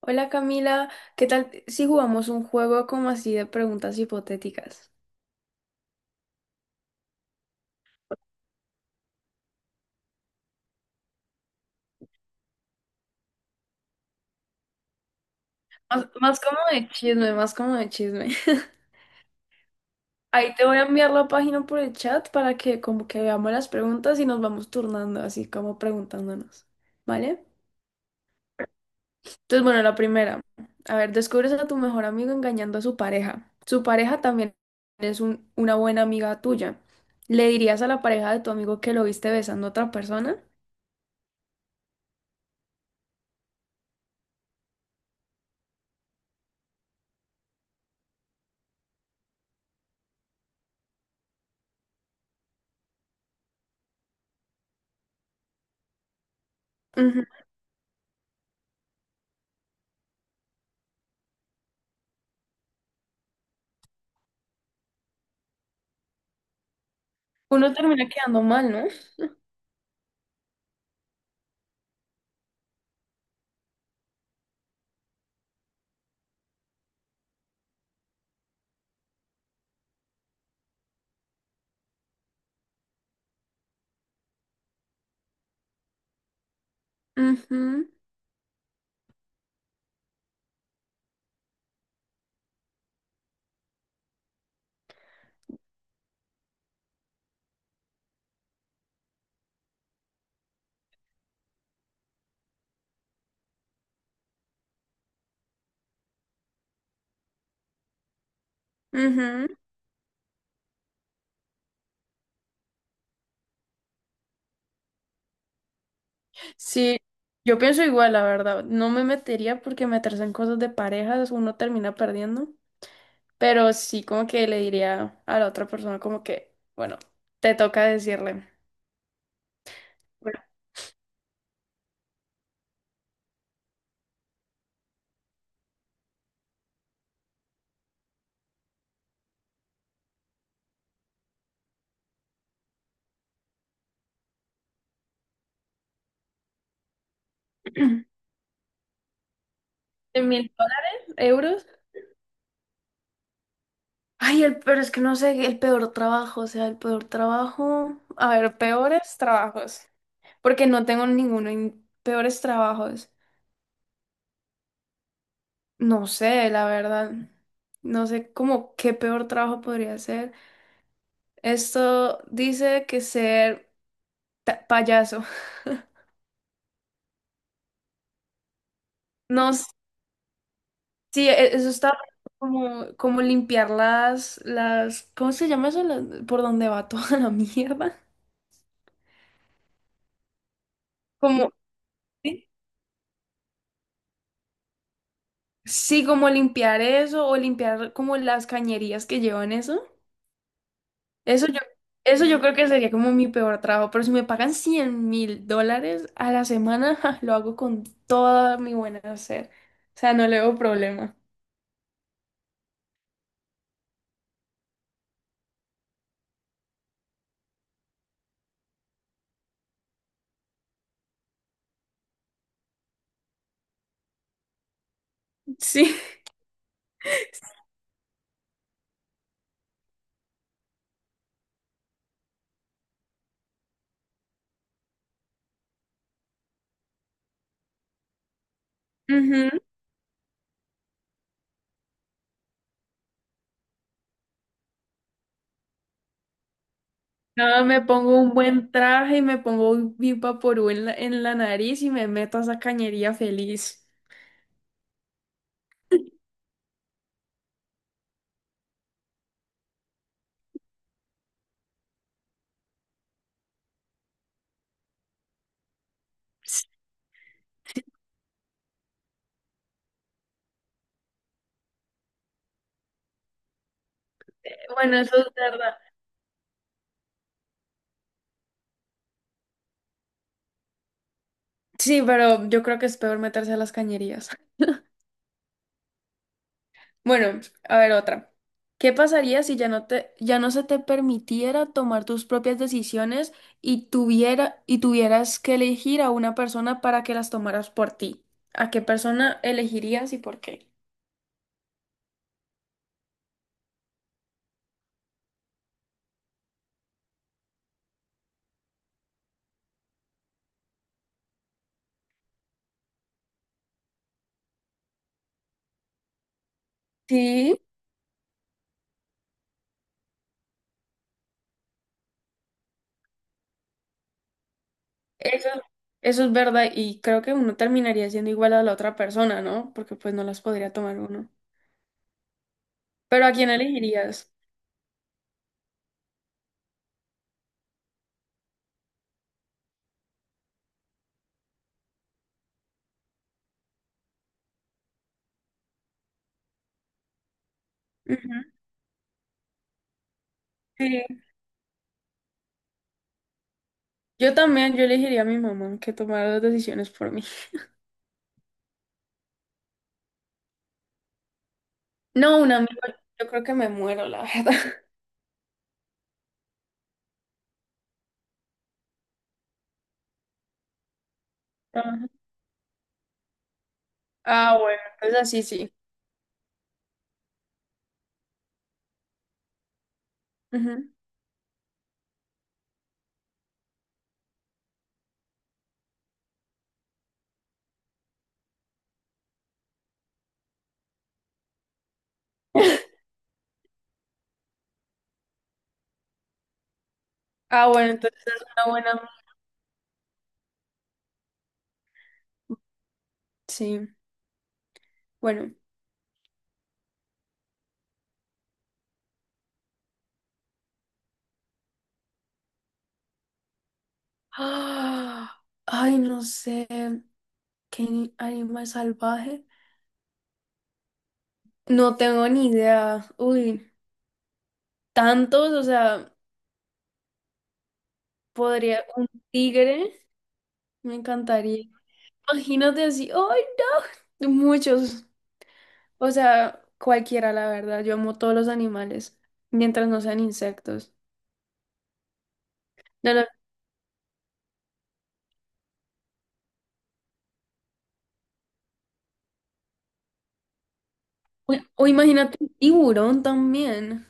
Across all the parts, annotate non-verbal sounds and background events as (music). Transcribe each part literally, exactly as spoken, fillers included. Hola Camila, ¿qué tal si jugamos un juego como así de preguntas hipotéticas? Más, más como de chisme, más como de chisme. (laughs) Ahí te voy a enviar la página por el chat para que como que veamos las preguntas y nos vamos turnando, así como preguntándonos, ¿vale? Entonces, bueno, la primera. A ver, descubres a tu mejor amigo engañando a su pareja. Su pareja también es un- una buena amiga tuya. ¿Le dirías a la pareja de tu amigo que lo viste besando a otra persona? Ujú. Uno termina quedando mal, ¿no? Ujú. Ujú. Sí, yo pienso igual, la verdad. No me metería porque meterse en cosas de parejas uno termina perdiendo. Pero sí como que le diría a la otra persona como que, bueno, te toca decirle. Bueno, (clears throat) ¿En mil dólares? ¿Euros? Ay, el, pero es que no sé, el peor trabajo, o sea, el peor trabajo. A ver, peores trabajos. Porque no tengo ninguno en peores trabajos. No sé, la verdad. No sé cómo qué peor trabajo podría ser. Esto dice que ser ta- payaso. (laughs) No, s- sí, e- eso está como, como limpiar las, las, ¿cómo se llama eso? Las- por donde va (laughs) toda la mierda. Como, ¿sí? Sí, como limpiar eso o limpiar como las cañerías que llevan eso. Eso yo, eso yo creo que sería como mi peor trabajo, pero si me pagan cien mil dólares a la semana, (laughs) ja, lo hago con toda mi buena hacer. O sea, no le veo problema. Sí. (laughs) Ujú. No, me pongo un buen traje y me pongo un Big Vaporub en la, en la nariz y me meto a esa cañería feliz. Sí, Bueno, eso es verdad. Sí, pero yo creo que es peor meterse a las cañerías. (laughs) Bueno, a ver otra. ¿Qué pasaría si ya no te, ya no se te permitiera tomar tus propias decisiones y tuviera, y tuvieras que elegir a una persona para que las tomaras por ti? ¿A qué persona elegirías y por qué? Sí. Eso, eso es verdad y creo que uno terminaría siendo igual a la otra persona, ¿no? Porque pues no las podría tomar uno. Pero ¿a quién elegirías? Ujú, sí. Yo también, yo elegiría a mi mamá que tomara las decisiones por mí. (laughs) No, un amigo, yo creo que me muero, la verdad. Ajá. Ah, bueno, entonces así sí. Ujú. (laughs) Ah, bueno, entonces es una buena. Sí, bueno. (gasps) Ah, ay, no sé. ¿Qué ni- animal salvaje? No tengo ni idea. Uy. Tantos, o sea, podría (laughs) un tigre, me encantaría. Imagínate así, ¡ay, no! Muchos, o sea, cualquiera, la verdad. Yo amo todos los animales, mientras no sean insectos. No, no, O, o imagínate un tiburón también.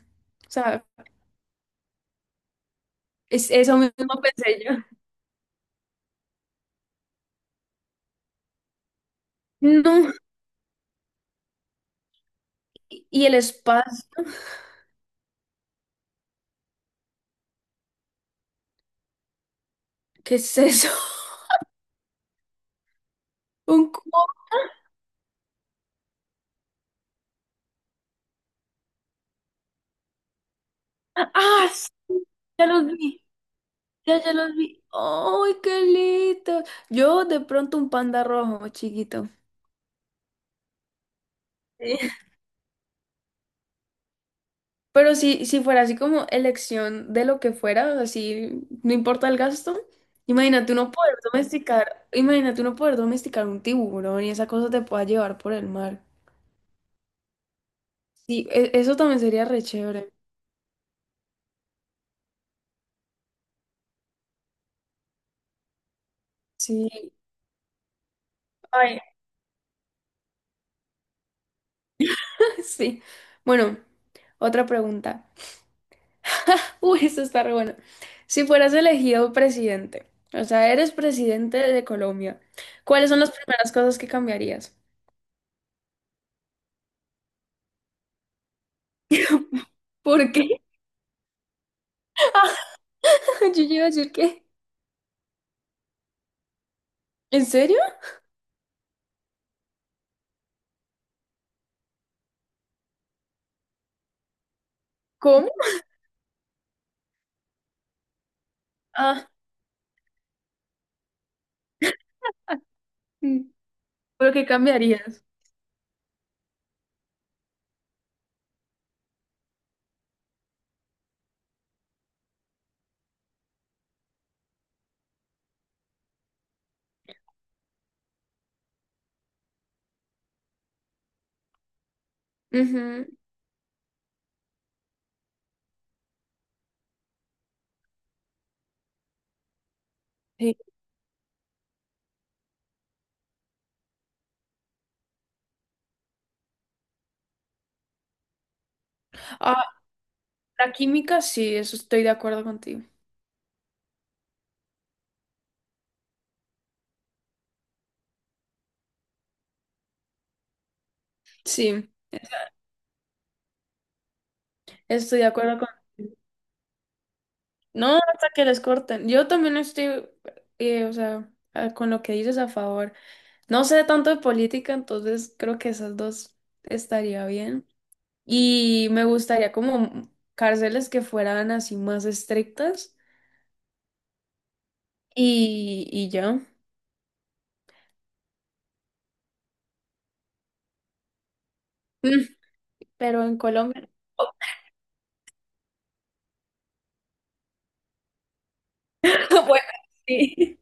O sea, es eso mismo (laughs) pensé yo. No, y y el espacio, ¿qué es eso? (laughs) Un cubo. ¡Ah! Sí, ya los vi. Ya, ya los vi. ¡Ay, qué lindo! Yo de pronto un panda rojo, chiquito. Sí. (laughs) Pero si, si fuera así como elección de lo que fuera, así no importa el gasto, imagínate uno poder domesticar, imagínate uno poder domesticar un tiburón y esa cosa te pueda llevar por el mar. Sí, e- eso también sería re chévere. Sí. Ay. (laughs) Sí. Bueno, otra pregunta. (laughs) Uy, esto está re bueno. Si fueras elegido presidente, o sea, eres presidente de Colombia, ¿cuáles son las primeras cosas que cambiarías? (laughs) ¿Por qué? (laughs) Yo iba a decir que. ¿En serio? ¿Cómo? Ah, mm, ¿pero qué cambiarías? Ujú, sí. Ah, la química, sí, eso estoy de acuerdo contigo. Sí, estoy de acuerdo contigo. No, hasta que les corten. Yo también estoy, eh, o sea, ah, con lo que dices a favor. No sé tanto de política, entonces creo que esas dos estaría bien. Y me gustaría como cárceles que fueran así más estrictas y, y ya. Mm, pero en Colombia. (laughs) Bueno, sí.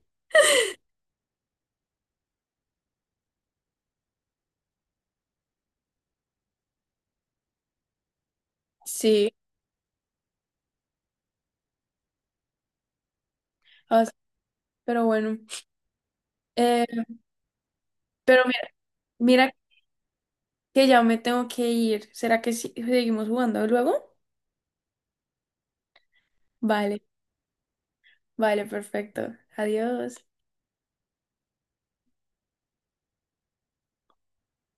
Sí, o sea, pero bueno. Eh, pero mira, mira que ya me tengo que ir. ¿Será que sí- seguimos jugando luego? Vale, vale, perfecto. Adiós.